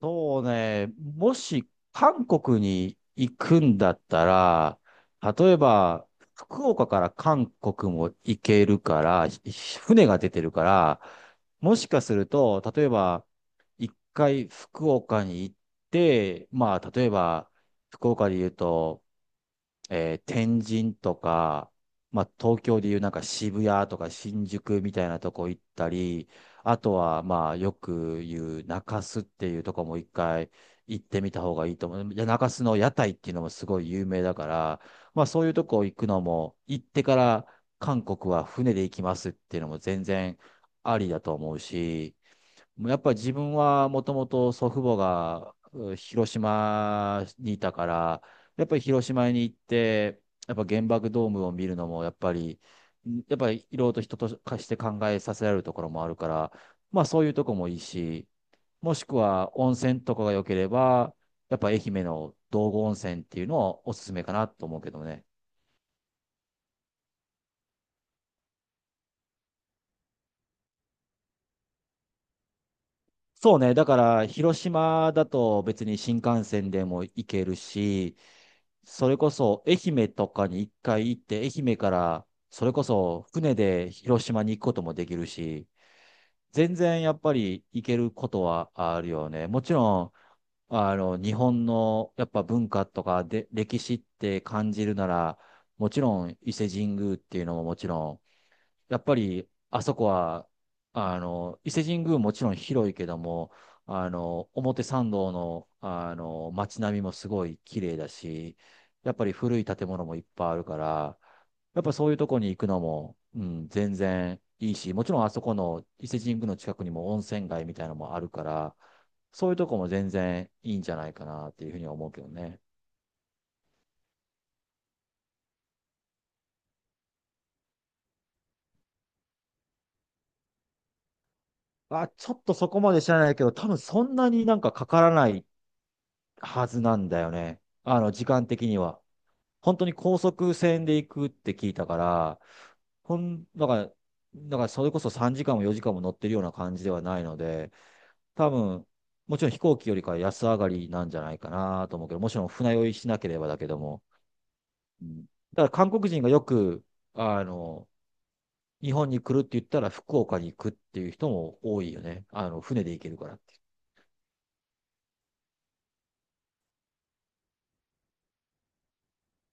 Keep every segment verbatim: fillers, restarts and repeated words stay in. そうね、もし韓国に行くんだったら、例えば、福岡から韓国も行けるから、ひ船が出てるから、もしかすると、例えば、一回福岡に行って、まあ、例えば、福岡で言うと、えー天神とか、まあ、東京でいうなんか渋谷とか新宿みたいなとこ行ったり、あとはまあよく言う中洲っていうとこも一回行ってみた方がいいと思う。い中洲の屋台っていうのもすごい有名だから、まあそういうとこ行くのも、行ってから韓国は船で行きますっていうのも全然ありだと思うし、もやっぱり自分はもともと祖父母がう広島にいたから、やっぱり広島に行って、やっぱ原爆ドームを見るのも、やっぱり、んやっぱりいろいろと人と化して考えさせられるところもあるから、まあそういうとこもいいし、もしくは温泉とかが良ければ、やっぱ愛媛の道後温泉っていうのをおすすめかなと思うけどね。そうね、だから広島だと別に新幹線でも行けるし、それこそ愛媛とかに一回行って、愛媛からそれこそ船で広島に行くこともできるし、全然やっぱり行けることはあるよね。もちろん、あの、日本のやっぱ文化とかで歴史って感じるなら、もちろん伊勢神宮っていうのももちろんやっぱり、あそこは、あの、伊勢神宮もちろん広いけども、あの、表参道の、あの、街並みもすごい綺麗だし、やっぱり古い建物もいっぱいあるから、やっぱそういうとこに行くのも、うん、全然いいし、もちろんあそこの伊勢神宮の近くにも温泉街みたいなのもあるから、そういうとこも全然いいんじゃないかなっていうふうには思うけどね。あ、ちょっとそこまで知らないけど、多分そんなになんかかからないはずなんだよね。あの、時間的には。本当に高速線で行くって聞いたから、ほん、だから、だからそれこそさんじかんもよじかんも乗ってるような感じではないので、多分、もちろん飛行機よりかは安上がりなんじゃないかなと思うけど、もちろん船酔いしなければだけども。うん。だから韓国人がよく、あの、日本に来るって言ったら福岡に行くっていう人も多いよね。あの、船で行けるから。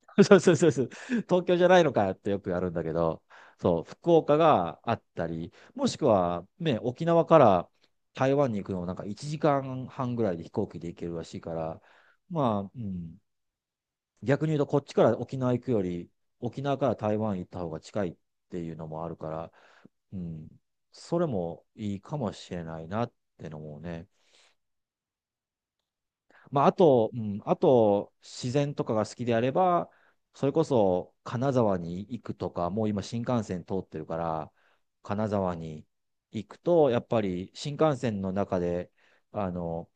そうそうそうそう。東京じゃないのかよってよくやるんだけど、そう、福岡があったり、もしくは、ね、沖縄から台湾に行くのもなんかいちじかんはんぐらいで飛行機で行けるらしいから、まあ、うん、逆に言うとこっちから沖縄行くより、沖縄から台湾行った方が近いっていうのもあるから、うん、それもいいかもしれないなってのもね。まあ、あと、うん、あと、自然とかが好きであれば、それこそ金沢に行くとか、もう今新幹線通ってるから、金沢に行くと、やっぱり新幹線の中で、あの、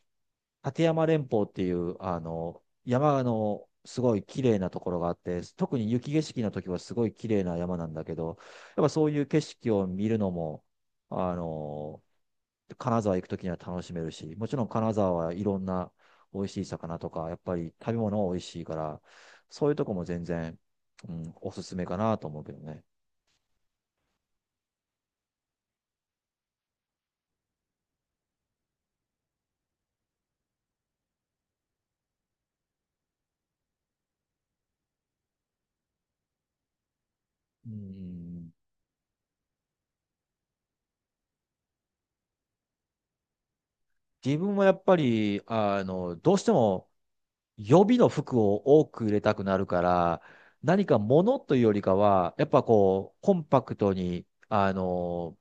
立山連峰っていう、あの、山のすごい綺麗なところがあって、特に雪景色の時はすごい綺麗な山なんだけど、やっぱそういう景色を見るのも、あの、金沢行くときには楽しめるし、もちろん金沢はいろんな美味しい魚とか、やっぱり食べ物は美味しいから、そういうとこも全然、うん、おすすめかなと思うけどね。うん、自分はやっぱり、あの、どうしても予備の服を多く入れたくなるから、何か物というよりかは、やっぱこう、コンパクトに、あの、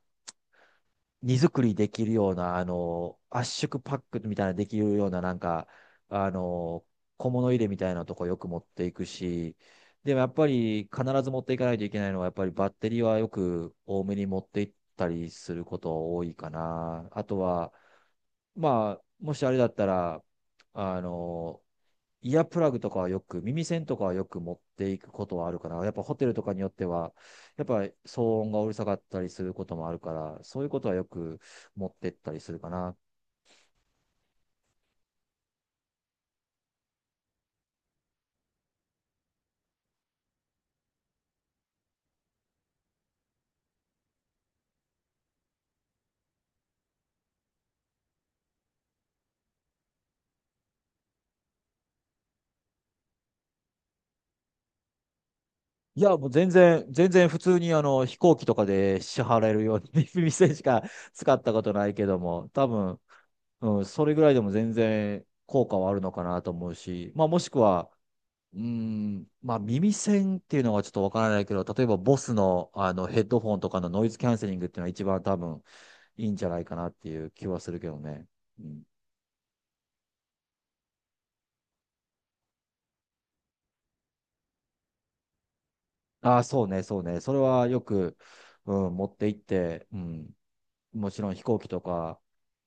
荷造りできるような、あの、圧縮パックみたいなできるような、なんか、あの、小物入れみたいなとこよく持っていくし、でもやっぱり必ず持っていかないといけないのは、やっぱりバッテリーはよく多めに持っていったりすること多いかな。あとは、まあ、もしあれだったら、あの、イヤープラグとかはよく、耳栓とかはよく持っていくことはあるかな。やっぱホテルとかによっては、やっぱり騒音がうるさかったりすることもあるから、そういうことはよく持ってったりするかな。いや、もう全然、全然普通にあの飛行機とかで支払えるように 耳栓しか使ったことないけども、多分、うん、それぐらいでも全然効果はあるのかなと思うし、まあもしくは、うーん、まあ耳栓っていうのはちょっとわからないけど、例えばボスの、あのヘッドフォンとかのノイズキャンセリングっていうのは一番多分いいんじゃないかなっていう気はするけどね。うん。ああ、そうね、そうね。それはよく、うん、持って行って、うん、もちろん飛行機とか、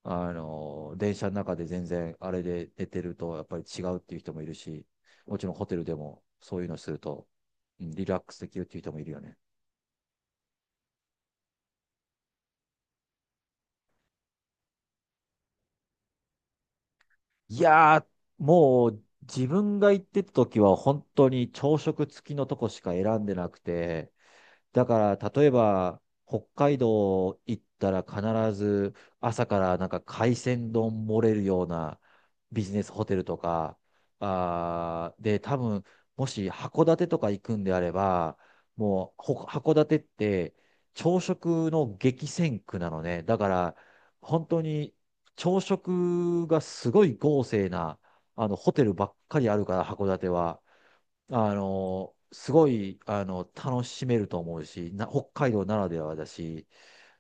あの、電車の中で全然あれで寝てるとやっぱり違うっていう人もいるし、もちろんホテルでもそういうのすると、うん、リラックスできるっていう人もいるよね。いやー、もう自分が行ってた時は本当に朝食付きのとこしか選んでなくて、だから、例えば、北海道行ったら必ず朝からなんか海鮮丼盛れるようなビジネスホテルとか、あーで、多分、もし函館とか行くんであれば、もう、ほ函館って朝食の激戦区なのね。だから、本当に朝食がすごい豪勢な、あの、ホテルばっかりあるから、函館は。あの、すごい、あの、楽しめると思うし、な、北海道ならではだし、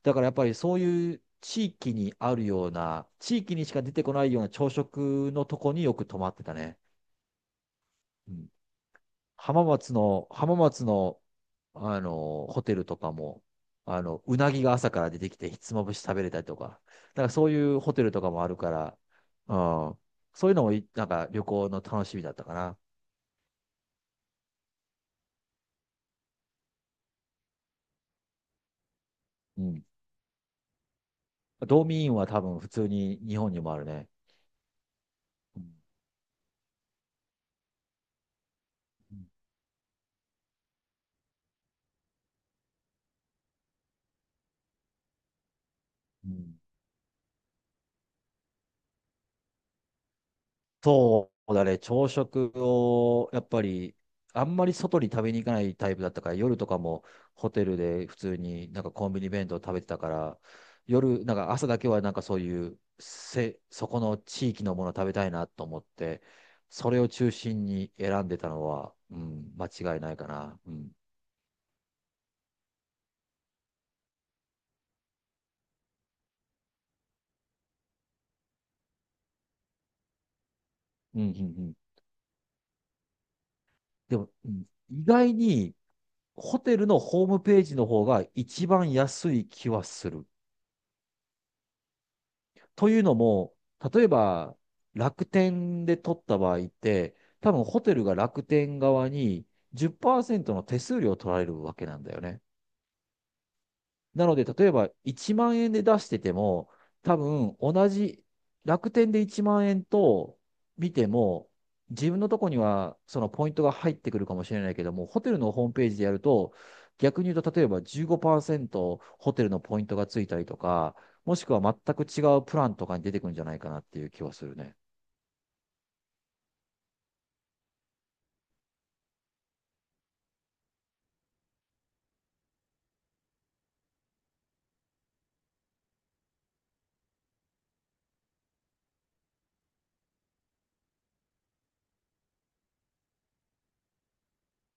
だからやっぱりそういう地域にあるような、地域にしか出てこないような朝食のとこによく泊まってたね。うん、浜松の、浜松の、あの、ホテルとかも、あの、うなぎが朝から出てきて、ひつまぶし食べれたりとか、なんかそういうホテルとかもあるから、うん、そういうのもい、なんか旅行の楽しみだったかな。うん。ドーミーインは多分普通に日本にもあるね。うん。うん。そうだね、朝食をやっぱりあんまり外に食べに行かないタイプだったから、夜とかもホテルで普通になんかコンビニ弁当食べてたから、夜、なんか朝だけはなんかそういうせ、そこの地域のもの食べたいなと思って、それを中心に選んでたのは、うん、間違いないかな。うん。うん、うん、うん。でも、うん、意外にホテルのホームページの方が一番安い気はする。というのも、例えば楽天で取った場合って、多分ホテルが楽天側にじゅっパーセントの手数料を取られるわけなんだよね。なので、例えばいちまん円で出してても、多分同じ楽天でいちまん円と見ても、自分のとこにはそのポイントが入ってくるかもしれないけども、ホテルのホームページでやると、逆に言うと、例えばじゅうごパーセントホテルのポイントがついたりとか、もしくは全く違うプランとかに出てくるんじゃないかなっていう気はするね。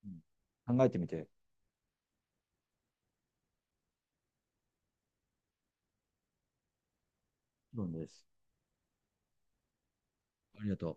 うん。考えてみて。どうです。ありがとう。